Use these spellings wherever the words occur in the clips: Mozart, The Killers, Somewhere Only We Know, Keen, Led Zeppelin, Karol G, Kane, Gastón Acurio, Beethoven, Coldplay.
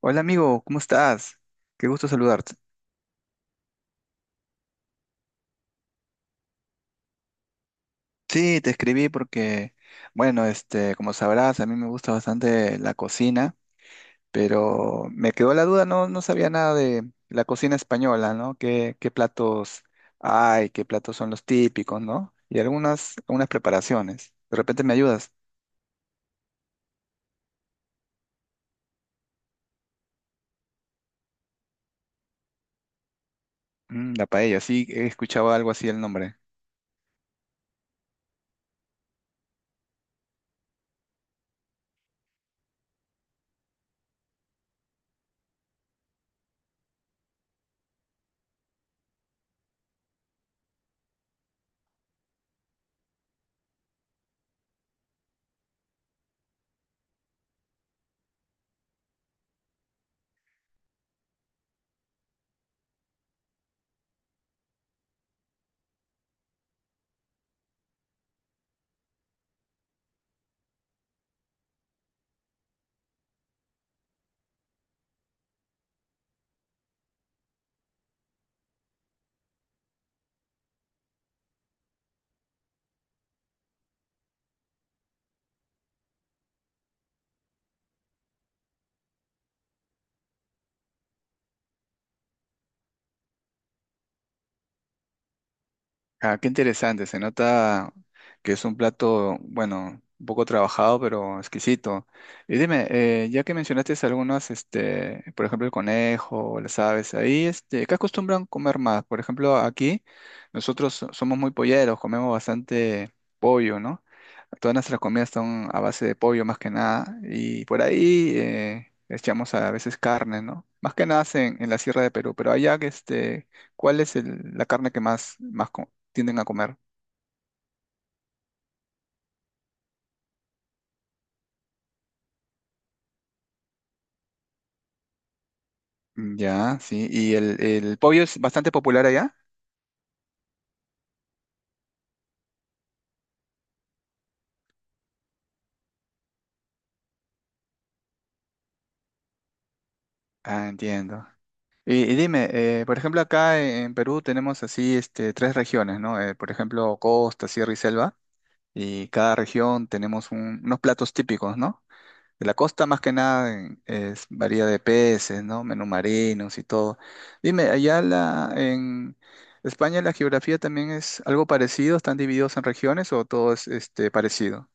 Hola amigo, ¿cómo estás? Qué gusto saludarte. Sí, te escribí porque, bueno, este, como sabrás, a mí me gusta bastante la cocina, pero me quedó la duda, no, no sabía nada de la cocina española, ¿no? ¿Qué, qué platos hay? ¿Qué platos son los típicos, ¿no? Y algunas, algunas preparaciones. De repente me ayudas. Mm, la paella, sí, he escuchado algo así el nombre. Ah, qué interesante, se nota que es un plato, bueno, un poco trabajado, pero exquisito. Y dime, ya que mencionaste algunos, este, por ejemplo, el conejo, o las aves, ahí, este, ¿qué acostumbran comer más? Por ejemplo, aquí nosotros somos muy polleros, comemos bastante pollo, ¿no? Todas nuestras comidas son a base de pollo más que nada, y por ahí echamos a veces carne, ¿no? Más que nada en la Sierra de Perú, pero allá, que este, ¿cuál es la carne que más, más, tienden a comer. Mm, ya, sí. ¿Y el pollo es bastante popular allá? Ah, entiendo. Y dime, por ejemplo, acá e, en Perú tenemos así este, tres regiones, ¿no? Por ejemplo, costa, sierra y selva. Y cada región tenemos unos platos típicos, ¿no? De la costa más que nada es varía de peces, ¿no? Menú marinos y todo. Dime, allá la, en España la geografía también es algo parecido, ¿están divididos en regiones o todo es este, parecido?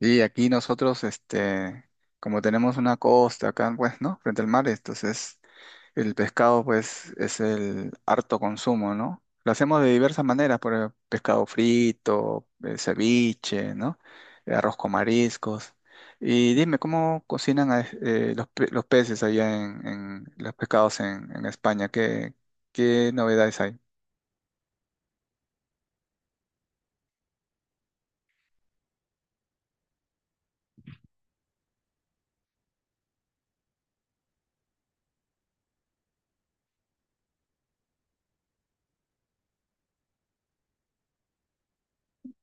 Y aquí nosotros, este, como tenemos una costa acá, pues, ¿no? Frente al mar, entonces el pescado, pues, es el harto consumo, ¿no? Lo hacemos de diversas maneras, por ejemplo, pescado frito, ceviche, ¿no? Arroz con mariscos. Y dime, ¿cómo cocinan los, los peces allá en los pescados en España? ¿Qué, qué novedades hay?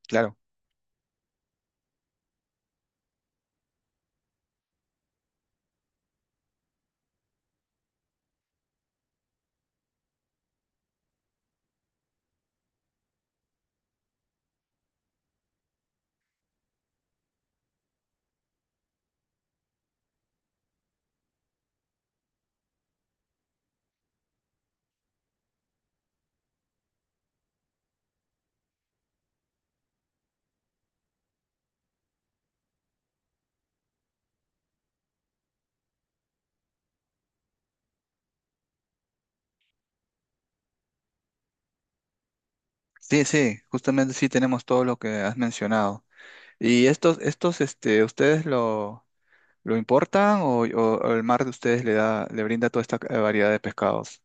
Claro. Sí, sí, justamente sí tenemos todo lo que has mencionado. ¿Y estos, estos, este, ustedes lo importan o, o el mar de ustedes le da, le brinda toda esta variedad de pescados?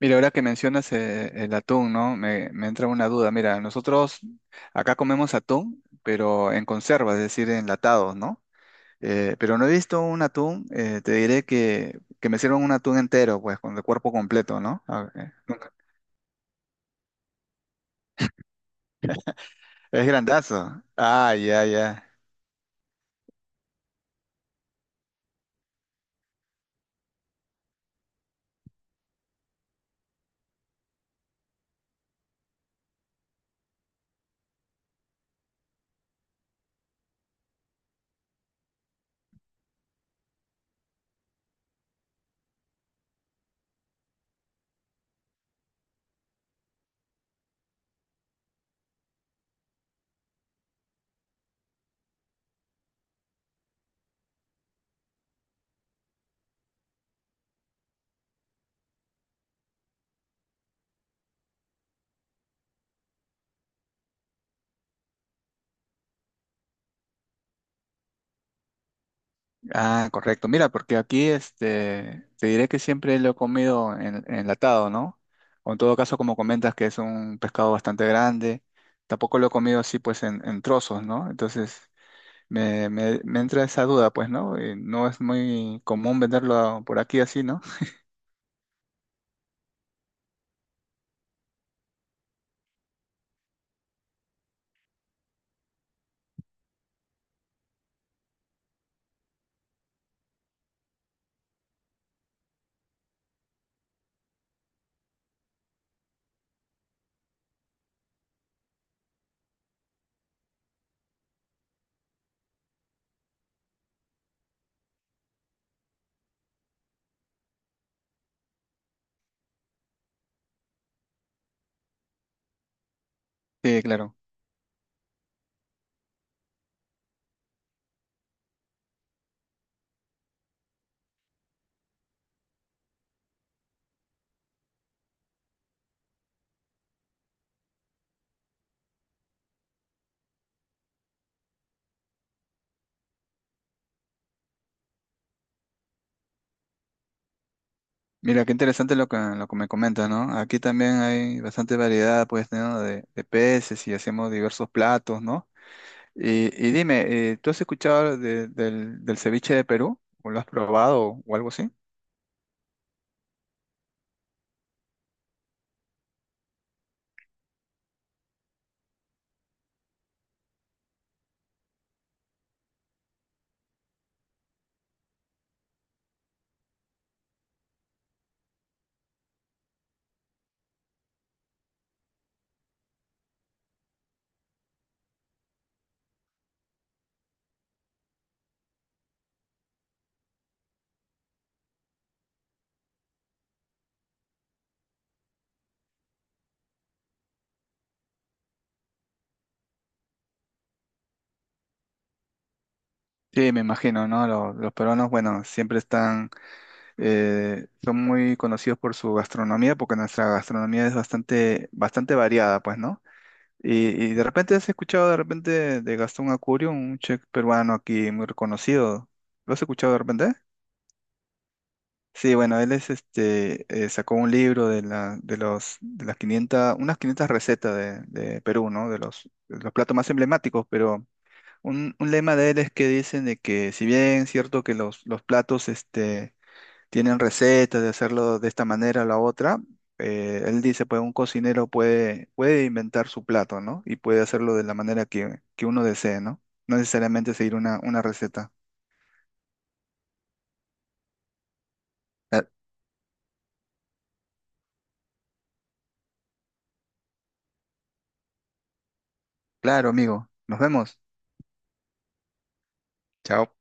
Mira, ahora que mencionas el atún, ¿no? Me entra una duda. Mira, nosotros acá comemos atún, pero en conserva, es decir, enlatados, ¿no? Pero no he visto un atún, te diré que me sirvan un atún entero, pues, con el cuerpo completo, ¿no? Ah, nunca. Es grandazo. Ah, ya, ya. Ah, correcto. Mira, porque aquí este, te diré que siempre lo he comido enlatado, ¿no? O en todo caso, como comentas, que es un pescado bastante grande, tampoco lo he comido así, pues, en trozos, ¿no? Entonces, me entra esa duda, pues, ¿no? No es muy común venderlo por aquí así, ¿no? Sí, claro. Mira, qué interesante lo que me comentas, ¿no? Aquí también hay bastante variedad, pues, ¿no? De peces y hacemos diversos platos, ¿no? Y dime, ¿tú has escuchado del, del ceviche de Perú? ¿O lo has probado o algo así? Sí, me imagino, ¿no? Los peruanos, bueno, siempre están, son muy conocidos por su gastronomía, porque nuestra gastronomía es bastante, bastante variada, pues, ¿no? Y de repente has escuchado de repente de Gastón Acurio, un chef peruano aquí muy reconocido. ¿Lo has escuchado de repente? Sí, bueno, él es este, sacó un libro de la, de los, de las 500, unas 500 recetas de Perú, ¿no? De los platos más emblemáticos, pero un lema de él es que dicen de que si bien es cierto que los platos este, tienen recetas de hacerlo de esta manera o la otra, él dice, pues un cocinero puede, puede inventar su plato, ¿no? Y puede hacerlo de la manera que uno desee, ¿no? No necesariamente seguir una receta. Ah, claro, amigo, nos vemos. Chao.